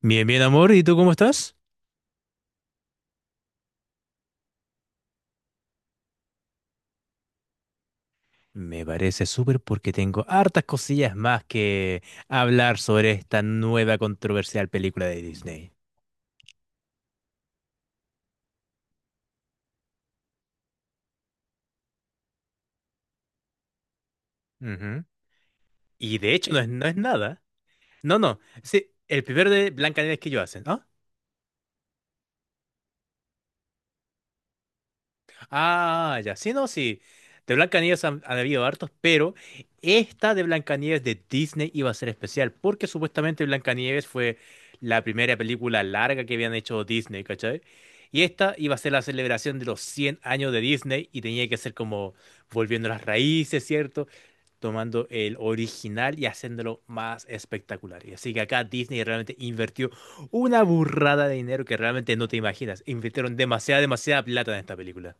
Bien, bien, amor. ¿Y tú cómo estás? Me parece súper porque tengo hartas cosillas más que hablar sobre esta nueva controversial película de Disney. Ujú. Y de hecho no es nada. No, no. Sí, el primero de Blancanieves que yo hacen, ¿no? Ah, ya, sí, no, sí. De Blancanieves han habido hartos, pero esta de Blancanieves de Disney iba a ser especial, porque supuestamente Blancanieves fue la primera película larga que habían hecho Disney, ¿cachai? Y esta iba a ser la celebración de los 100 años de Disney y tenía que ser como volviendo a las raíces, ¿cierto? Tomando el original y haciéndolo más espectacular. Y así que acá Disney realmente invirtió una burrada de dinero que realmente no te imaginas. Invirtieron demasiada, demasiada plata en esta película.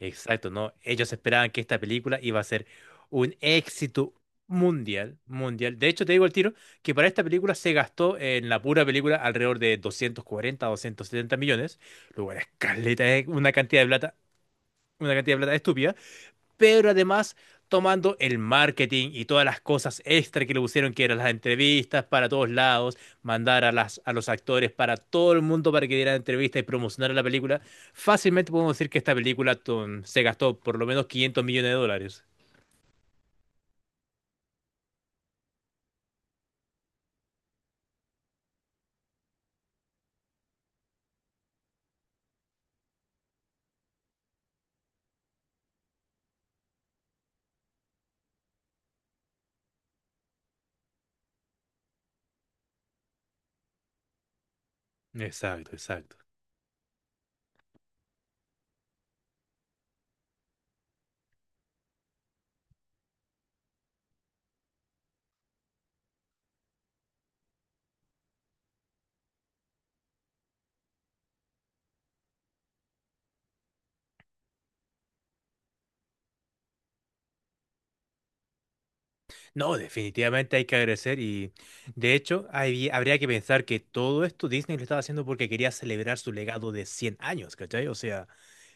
Exacto, ¿no? Ellos esperaban que esta película iba a ser un éxito mundial, mundial. De hecho, te digo el tiro que para esta película se gastó en la pura película alrededor de 240, a 270 millones, lo cual es caleta, es una cantidad de plata, una cantidad de plata estúpida, pero además tomando el marketing y todas las cosas extra que le pusieron, que eran las entrevistas para todos lados, mandar a los actores para todo el mundo para que dieran entrevistas y promocionaran la película, fácilmente podemos decir que esta película se gastó por lo menos 500 millones de dólares. Exacto, exacto. No, definitivamente hay que agradecer y de hecho habría que pensar que todo esto Disney lo estaba haciendo porque quería celebrar su legado de 100 años, ¿cachai? O sea,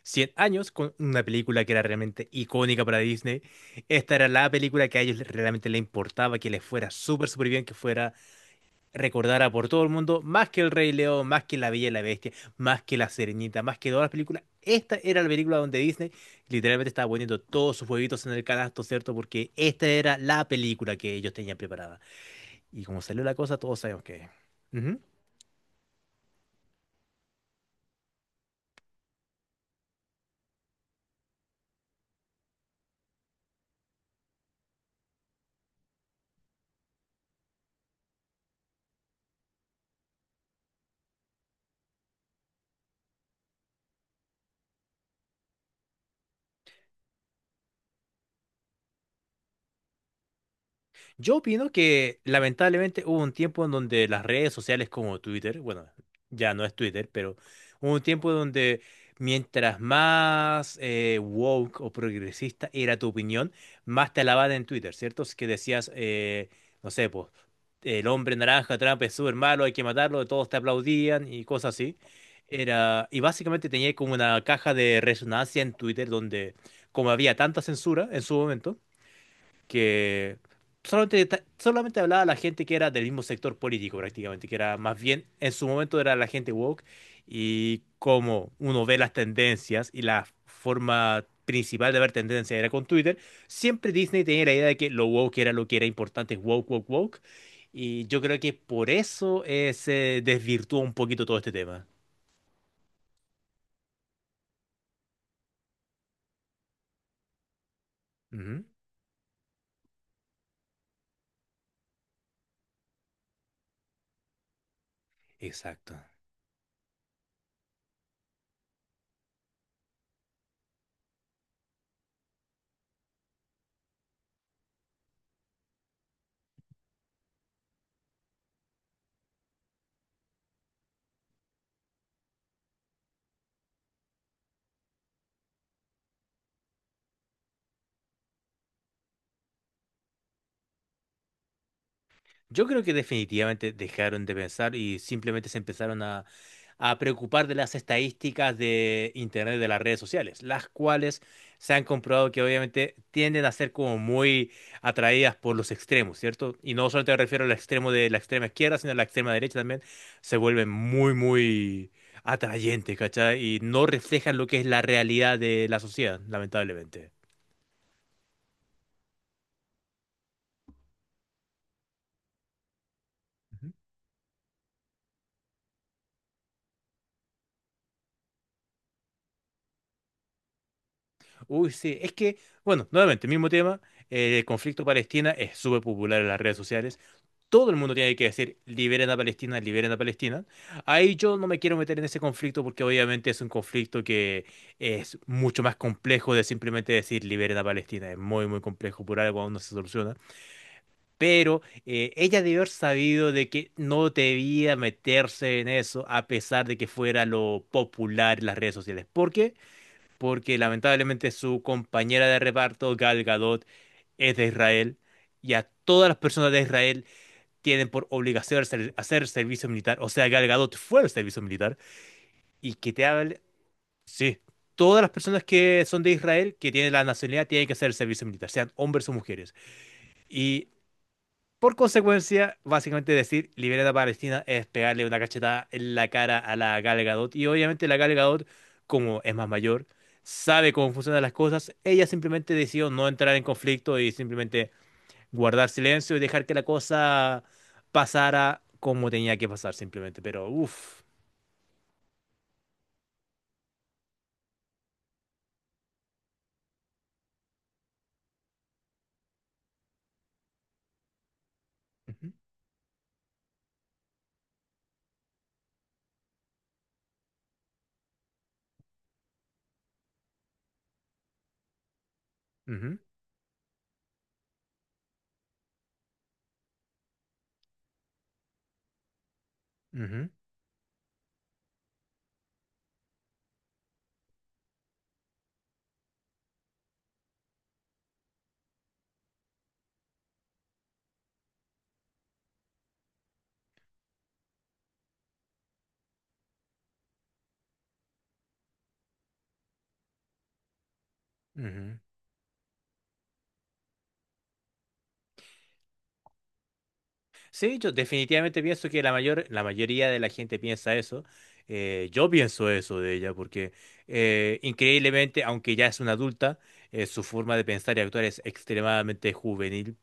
100 años con una película que era realmente icónica para Disney. Esta era la película que a ellos realmente les importaba, que les fuera súper, súper bien, que fuera recordada por todo el mundo, más que El Rey León, más que La Bella y la Bestia, más que La Sirenita, más que todas las películas. Esta era la película donde Disney literalmente estaba poniendo todos sus huevitos en el canasto, ¿cierto? Porque esta era la película que ellos tenían preparada. Y como salió la cosa, todos sabemos que... Ujú. Yo opino que lamentablemente hubo un tiempo en donde las redes sociales como Twitter, bueno, ya no es Twitter, pero hubo un tiempo donde mientras más woke o progresista era tu opinión, más te alababan en Twitter, ¿cierto? Es que decías, no sé, pues, el hombre naranja, Trump es súper malo, hay que matarlo, todos te aplaudían y cosas así. Era, y básicamente tenía como una caja de resonancia en Twitter donde, como había tanta censura en su momento, que solamente, solamente hablaba a la gente que era del mismo sector político prácticamente, que era más bien, en su momento era la gente woke, y como uno ve las tendencias y la forma principal de ver tendencias era con Twitter, siempre Disney tenía la idea de que lo woke era lo que era importante, woke, woke, woke, y yo creo que por eso se desvirtuó un poquito todo este tema. Ujú. Exacto. Yo creo que definitivamente dejaron de pensar y simplemente se empezaron a, preocupar de las estadísticas de Internet, de las redes sociales, las cuales se han comprobado que obviamente tienden a ser como muy atraídas por los extremos, ¿cierto? Y no solamente me refiero al extremo de la extrema izquierda, sino a la extrema derecha también, se vuelven muy, muy atrayentes, ¿cachai? Y no reflejan lo que es la realidad de la sociedad, lamentablemente. Uy, sí, es que, bueno, nuevamente, mismo tema, el conflicto Palestina es súper popular en las redes sociales. Todo el mundo tiene que decir, liberen a Palestina, liberen a Palestina. Ahí yo no me quiero meter en ese conflicto porque obviamente es un conflicto que es mucho más complejo de simplemente decir, liberen a Palestina. Es muy, muy complejo, por algo aún no se soluciona. Pero ella debió haber sabido de que no debía meterse en eso a pesar de que fuera lo popular en las redes sociales. ¿Por qué? Porque lamentablemente su compañera de reparto, Gal Gadot, es de Israel y a todas las personas de Israel tienen por obligación hacer servicio militar. O sea, Gal Gadot fue al servicio militar y que te hable, sí, todas las personas que son de Israel, que tienen la nacionalidad, tienen que hacer servicio militar, sean hombres o mujeres. Y por consecuencia, básicamente decir libera a Palestina es pegarle una cachetada en la cara a la Gal Gadot. Y obviamente la Gal Gadot, como es más mayor, sabe cómo funcionan las cosas. Ella simplemente decidió no entrar en conflicto y simplemente guardar silencio y dejar que la cosa pasara como tenía que pasar simplemente. Pero uff. Ujú, ujú, ujú, ujú. Sí, yo definitivamente pienso que la mayoría de la gente piensa eso. Yo pienso eso de ella, porque increíblemente, aunque ya es una adulta, su forma de pensar y actuar es extremadamente juvenil.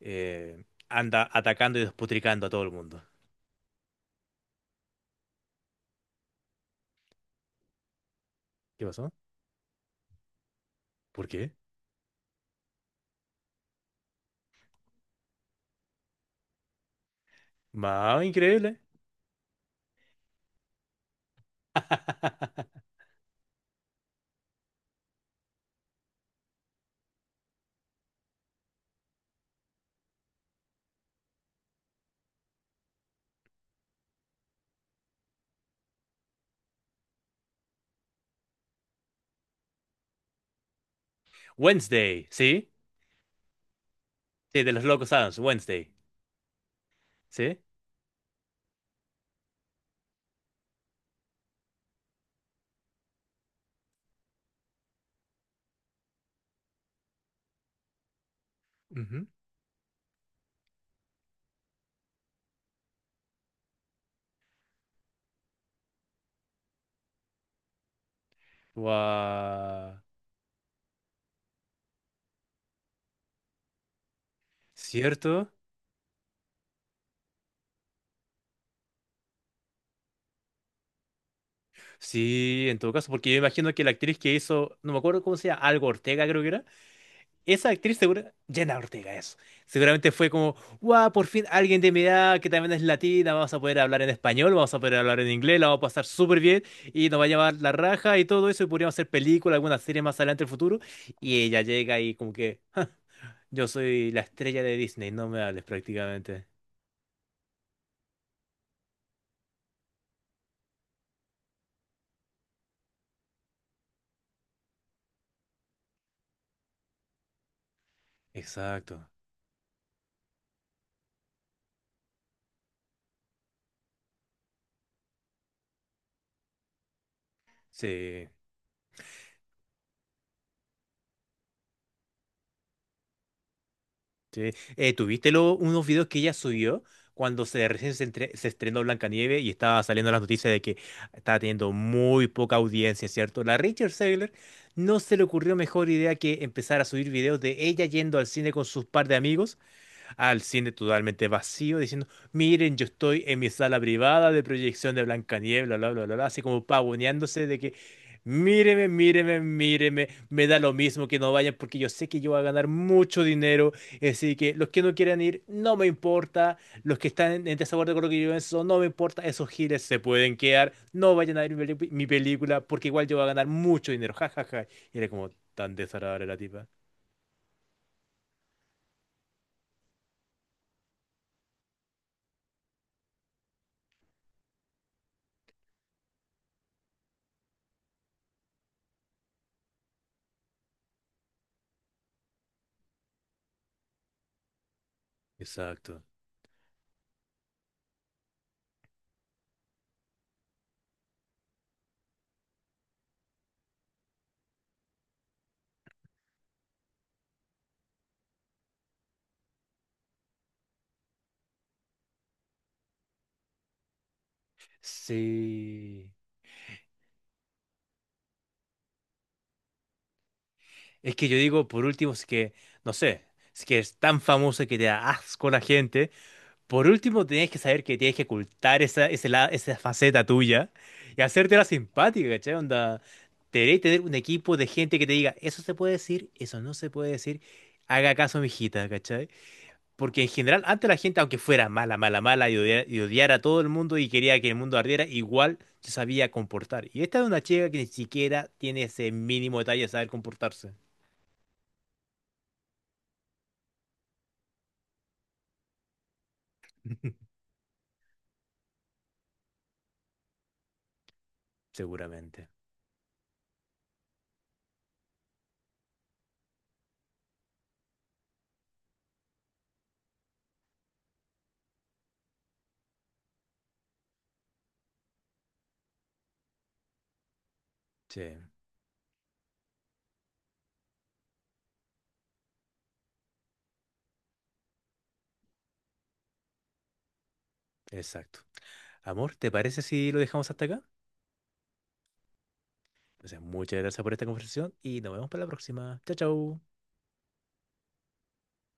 Anda atacando y despotricando a todo el mundo. ¿Qué pasó? ¿Por qué? Más increíble. Wednesday, ¿sí? Sí, de los Locos Adams, Wednesday, ¿sí? Ujú. Guau, ¿cierto? Sí, en todo caso, porque yo imagino que la actriz que hizo, no me acuerdo cómo se llama, Algo Ortega creo que era, esa actriz segura, Jenna Ortega eso, seguramente fue como, guau, por fin alguien de mi edad que también es latina, vamos a poder hablar en español, vamos a poder hablar en inglés, la vamos a pasar súper bien y nos va a llevar la raja y todo eso y podríamos hacer película, alguna serie más adelante en el futuro y ella llega y como que yo soy la estrella de Disney, no me hables prácticamente. Exacto, sí. Sí. ¿Tuviste unos videos que ella subió cuando recién se se estrenó Blancanieves y estaba saliendo las noticias de que estaba teniendo muy poca audiencia, ¿cierto? La Rachel Zegler no se le ocurrió mejor idea que empezar a subir videos de ella yendo al cine con sus par de amigos al cine totalmente vacío, diciendo, miren, yo estoy en mi sala privada de proyección de Blancanieves, bla, bla, bla, bla, bla", así como pavoneándose de que, míreme, míreme, míreme, me da lo mismo que no vayan porque yo sé que yo voy a ganar mucho dinero, así que los que no quieran ir, no me importa, los que están en desacuerdo con lo que yo pienso, no me importa, esos giles se pueden quedar, no vayan a ver mi película porque igual yo voy a ganar mucho dinero, jajaja. Y era como tan desagradable la tipa. Exacto. Sí. Es que yo digo, por último, si es que, no sé, si es que es tan famoso que te da asco la gente. Por último, tienes que saber que tienes que ocultar esa faceta tuya y hacértela simpática, ¿cachai? Onda, deberías tener un equipo de gente que te diga, eso se puede decir, eso no se puede decir, haga caso, mijita, ¿cachai? Porque en general, antes la gente, aunque fuera mala, mala, mala y y odiara, a todo el mundo y quería que el mundo ardiera, igual se sabía comportar. Y esta es una chica que ni siquiera tiene ese mínimo detalle de saber comportarse. Seguramente. Sí, exacto. Amor, ¿te parece si lo dejamos hasta acá? Entonces, muchas gracias por esta conversación y nos vemos para la próxima. Chao, chao.